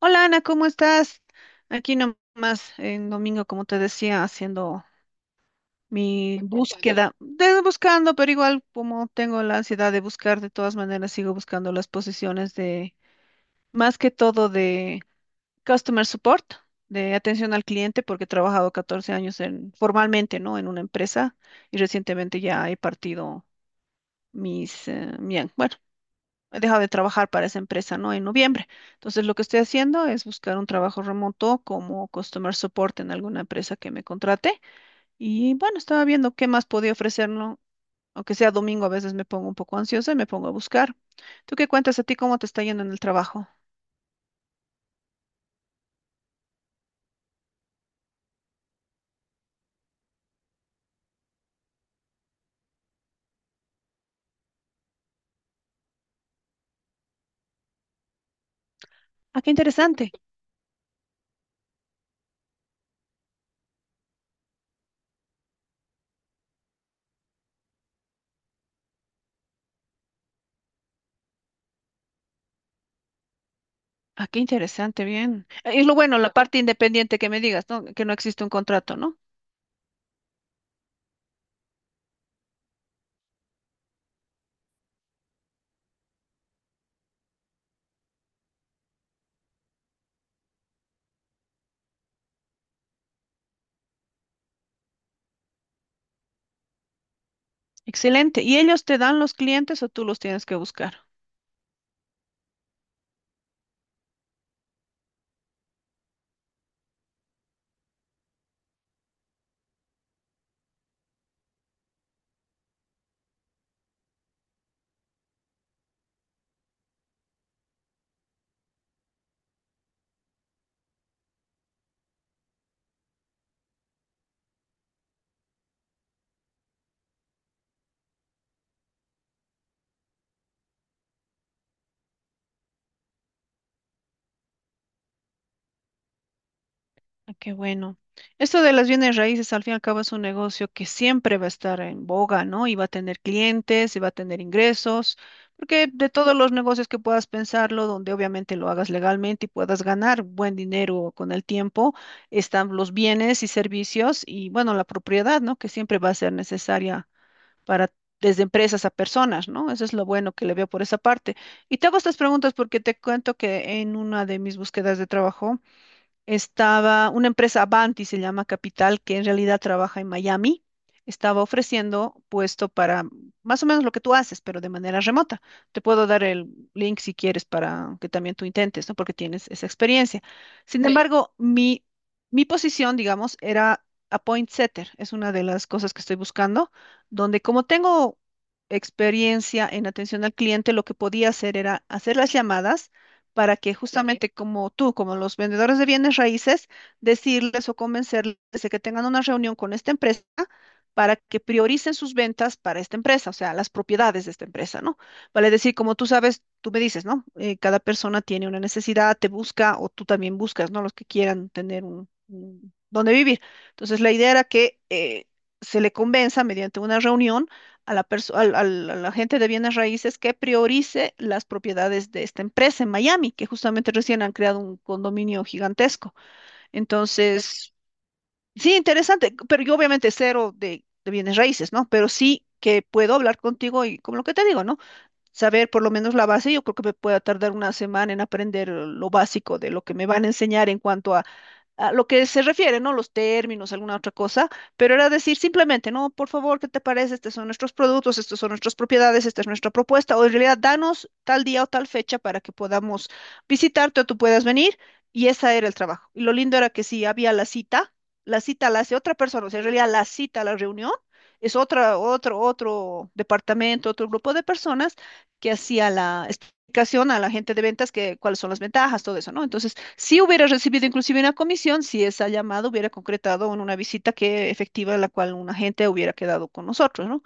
Hola Ana, ¿cómo estás? Aquí nomás en domingo, como te decía, haciendo mi Buscando. Búsqueda, de, buscando, pero igual como tengo la ansiedad de buscar, de todas maneras sigo buscando las posiciones de, más que todo de customer support, de atención al cliente, porque he trabajado 14 años en, formalmente, ¿no? En una empresa y recientemente ya he partido mis, mi- bueno, he dejado de trabajar para esa empresa, ¿no? En noviembre. Entonces, lo que estoy haciendo es buscar un trabajo remoto como customer support en alguna empresa que me contrate. Y bueno, estaba viendo qué más podía ofrecer, ¿no? Aunque sea domingo, a veces me pongo un poco ansiosa y me pongo a buscar. ¿Tú qué cuentas a ti? ¿Cómo te está yendo en el trabajo? Ah, qué interesante. Ah, qué interesante, bien. Es lo bueno, la parte independiente que me digas, ¿no? Que no existe un contrato, ¿no? Excelente. ¿Y ellos te dan los clientes o tú los tienes que buscar? Ah, qué bueno. Esto de las bienes raíces, al fin y al cabo, es un negocio que siempre va a estar en boga, ¿no? Y va a tener clientes, y va a tener ingresos, porque de todos los negocios que puedas pensarlo, donde obviamente lo hagas legalmente y puedas ganar buen dinero con el tiempo, están los bienes y servicios y, bueno, la propiedad, ¿no? Que siempre va a ser necesaria para, desde empresas a personas, ¿no? Eso es lo bueno que le veo por esa parte. Y te hago estas preguntas porque te cuento que en una de mis búsquedas de trabajo, estaba una empresa Avanti, se llama Capital, que en realidad trabaja en Miami, estaba ofreciendo puesto para más o menos lo que tú haces, pero de manera remota. Te puedo dar el link si quieres para que también tú intentes, ¿no? Porque tienes esa experiencia. Sin embargo, mi posición, digamos, era a point setter, es una de las cosas que estoy buscando, donde como tengo experiencia en atención al cliente, lo que podía hacer era hacer las llamadas para que justamente como tú, como los vendedores de bienes raíces, decirles o convencerles de que tengan una reunión con esta empresa para que prioricen sus ventas para esta empresa, o sea, las propiedades de esta empresa, ¿no? Vale decir, como tú sabes, tú me dices, ¿no? Cada persona tiene una necesidad, te busca o tú también buscas, ¿no? Los que quieran tener donde vivir. Entonces, la idea era que se le convenza mediante una reunión a la, perso- al- al- a la gente de bienes raíces que priorice las propiedades de esta empresa en Miami, que justamente recién han creado un condominio gigantesco. Entonces, sí, interesante, pero yo obviamente cero de bienes raíces, ¿no? Pero sí que puedo hablar contigo y como lo que te digo, ¿no? Saber por lo menos la base, yo creo que me pueda tardar una semana en aprender lo básico de lo que me van a enseñar en cuanto a lo que se refiere, ¿no? Los términos, alguna otra cosa, pero era decir simplemente, no, por favor, ¿qué te parece? Estos son nuestros productos, estos son nuestras propiedades, esta es nuestra propuesta, o en realidad danos tal día o tal fecha para que podamos visitarte o tú puedas venir, y ese era el trabajo. Y lo lindo era que si había la cita, la cita la hace otra persona, o sea, en realidad la cita la reunión es otro departamento, otro grupo de personas que hacía la explicación a la gente de ventas que cuáles son las ventajas, todo eso, ¿no? Entonces, si hubiera recibido inclusive una comisión, si esa llamada hubiera concretado en una visita que efectiva la cual un agente hubiera quedado con nosotros, ¿no?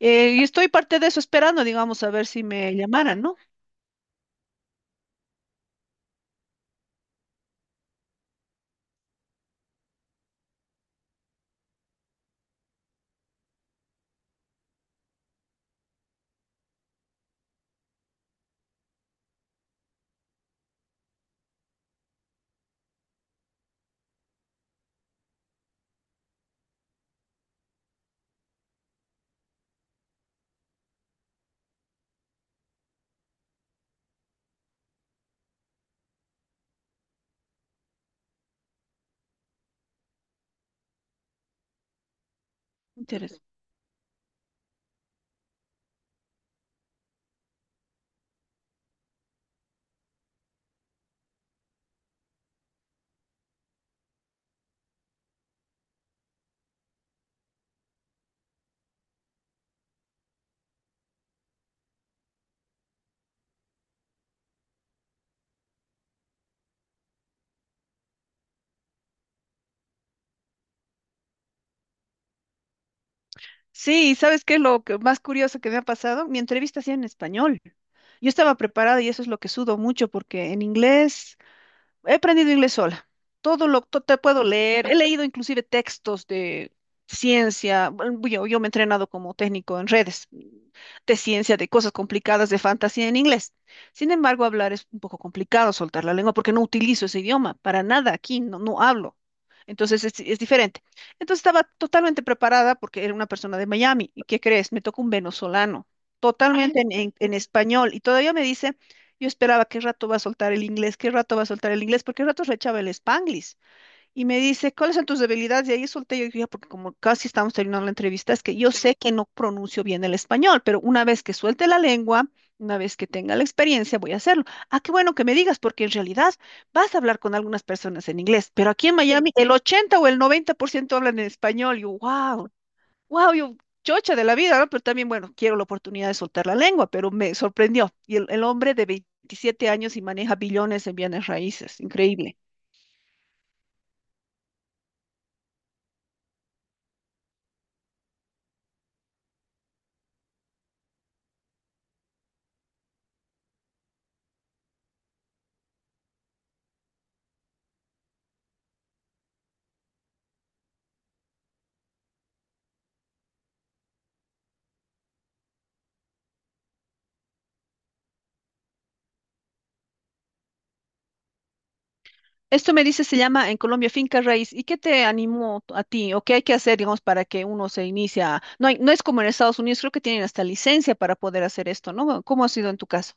Y estoy parte de eso esperando, digamos, a ver si me llamaran, ¿no? Interesante. Sí, ¿sabes qué es lo que más curioso que me ha pasado? Mi entrevista hacía en español. Yo estaba preparada y eso es lo que sudo mucho porque en inglés he aprendido inglés sola. Todo lo que te puedo leer. He leído inclusive textos de ciencia. Bueno, yo me he entrenado como técnico en redes de ciencia, de cosas complicadas, de fantasía en inglés. Sin embargo, hablar es un poco complicado, soltar la lengua, porque no utilizo ese idioma para nada aquí, no, no hablo. Entonces es diferente. Entonces estaba totalmente preparada porque era una persona de Miami. ¿Y qué crees? Me tocó un venezolano, totalmente en español. Y todavía me dice... Yo esperaba qué rato va a soltar el inglés, qué rato va a soltar el inglés, porque rato rechaba el Spanglish. Y me dice, ¿cuáles son tus debilidades? Y ahí solté yo, dije porque como casi estamos terminando la entrevista, es que yo sé que no pronuncio bien el español, pero una vez que suelte la lengua, una vez que tenga la experiencia, voy a hacerlo. Ah, qué bueno que me digas, porque en realidad vas a hablar con algunas personas en inglés, pero aquí en sí. Miami el 80 o el 90% hablan en español. Y yo, wow, wow, yo chocha de la vida, ¿no? Pero también, bueno, quiero la oportunidad de soltar la lengua, pero me sorprendió. Y el hombre de 27 años y maneja billones en bienes raíces, increíble. Esto me dice, se llama en Colombia finca raíz. ¿Y qué te animó a ti o qué hay que hacer, digamos, para que uno se inicia? No es como en Estados Unidos, creo que tienen hasta licencia para poder hacer esto, ¿no? ¿Cómo ha sido en tu caso?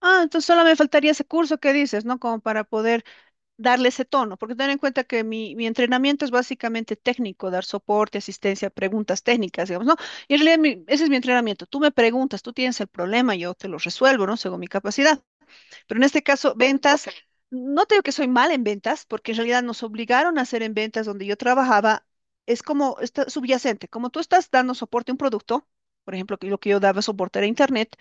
Ah, entonces solo me faltaría ese curso que dices, ¿no? Como para poder darle ese tono, porque ten en cuenta que mi entrenamiento es básicamente técnico, dar soporte, asistencia, preguntas técnicas, digamos, ¿no? Y en realidad ese es mi entrenamiento. Tú me preguntas, tú tienes el problema, yo te lo resuelvo, ¿no? Según mi capacidad. Pero en este caso, ventas, ok. No te digo que soy mal en ventas, porque en realidad nos obligaron a hacer en ventas donde yo trabajaba, es como está subyacente, como tú estás dando soporte a un producto. Por ejemplo, que lo que yo daba soporte era Internet,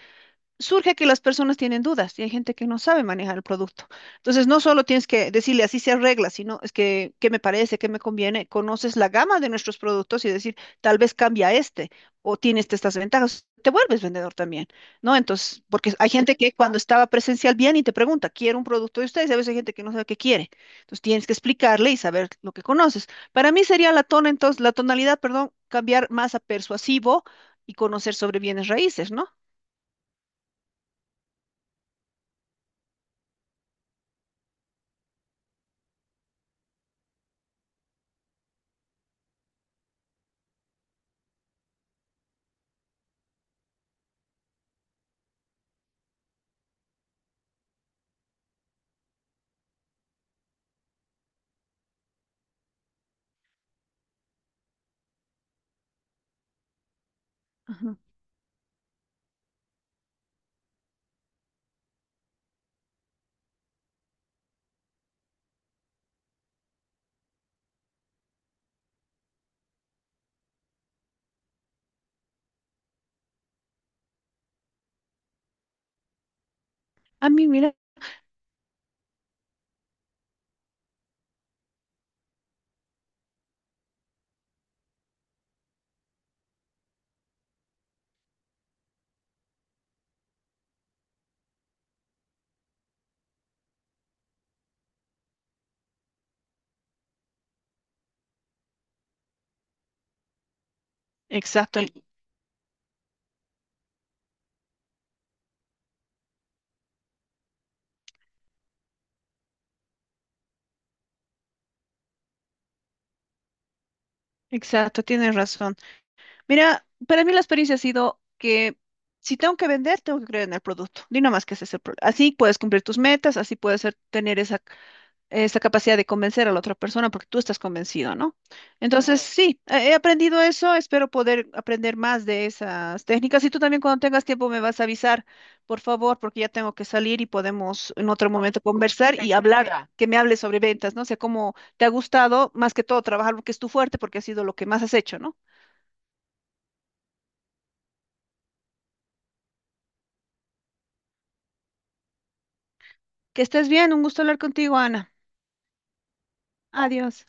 surge que las personas tienen dudas y hay gente que no sabe manejar el producto. Entonces, no solo tienes que decirle así se arregla, sino es que, ¿qué me parece? ¿Qué me conviene? Conoces la gama de nuestros productos y decir, tal vez cambia este o tiene estas ventajas. Te vuelves vendedor también, ¿no? Entonces, porque hay gente que cuando estaba presencial viene y te pregunta, quiero un producto de ustedes, y a veces hay gente que no sabe qué quiere. Entonces, tienes que explicarle y saber lo que conoces. Para mí sería la tona, entonces, la tonalidad, perdón, cambiar más a persuasivo y conocer sobre bienes raíces, ¿no? Ajá. A mí, mira, exacto, el- exacto, tienes razón. Mira, para mí la experiencia ha sido que si tengo que vender, tengo que creer en el producto. Di nomás que ese es el problema. Así puedes cumplir tus metas, así puedes tener esa esa capacidad de convencer a la otra persona porque tú estás convencido, ¿no? Entonces, sí, he aprendido eso, espero poder aprender más de esas técnicas y tú también cuando tengas tiempo me vas a avisar, por favor, porque ya tengo que salir y podemos en otro momento conversar y hablar, que me hables sobre ventas, no sé cómo te ha gustado, más que todo trabajar lo que es tu fuerte porque ha sido lo que más has hecho, ¿no? Que estés bien, un gusto hablar contigo, Ana. Adiós.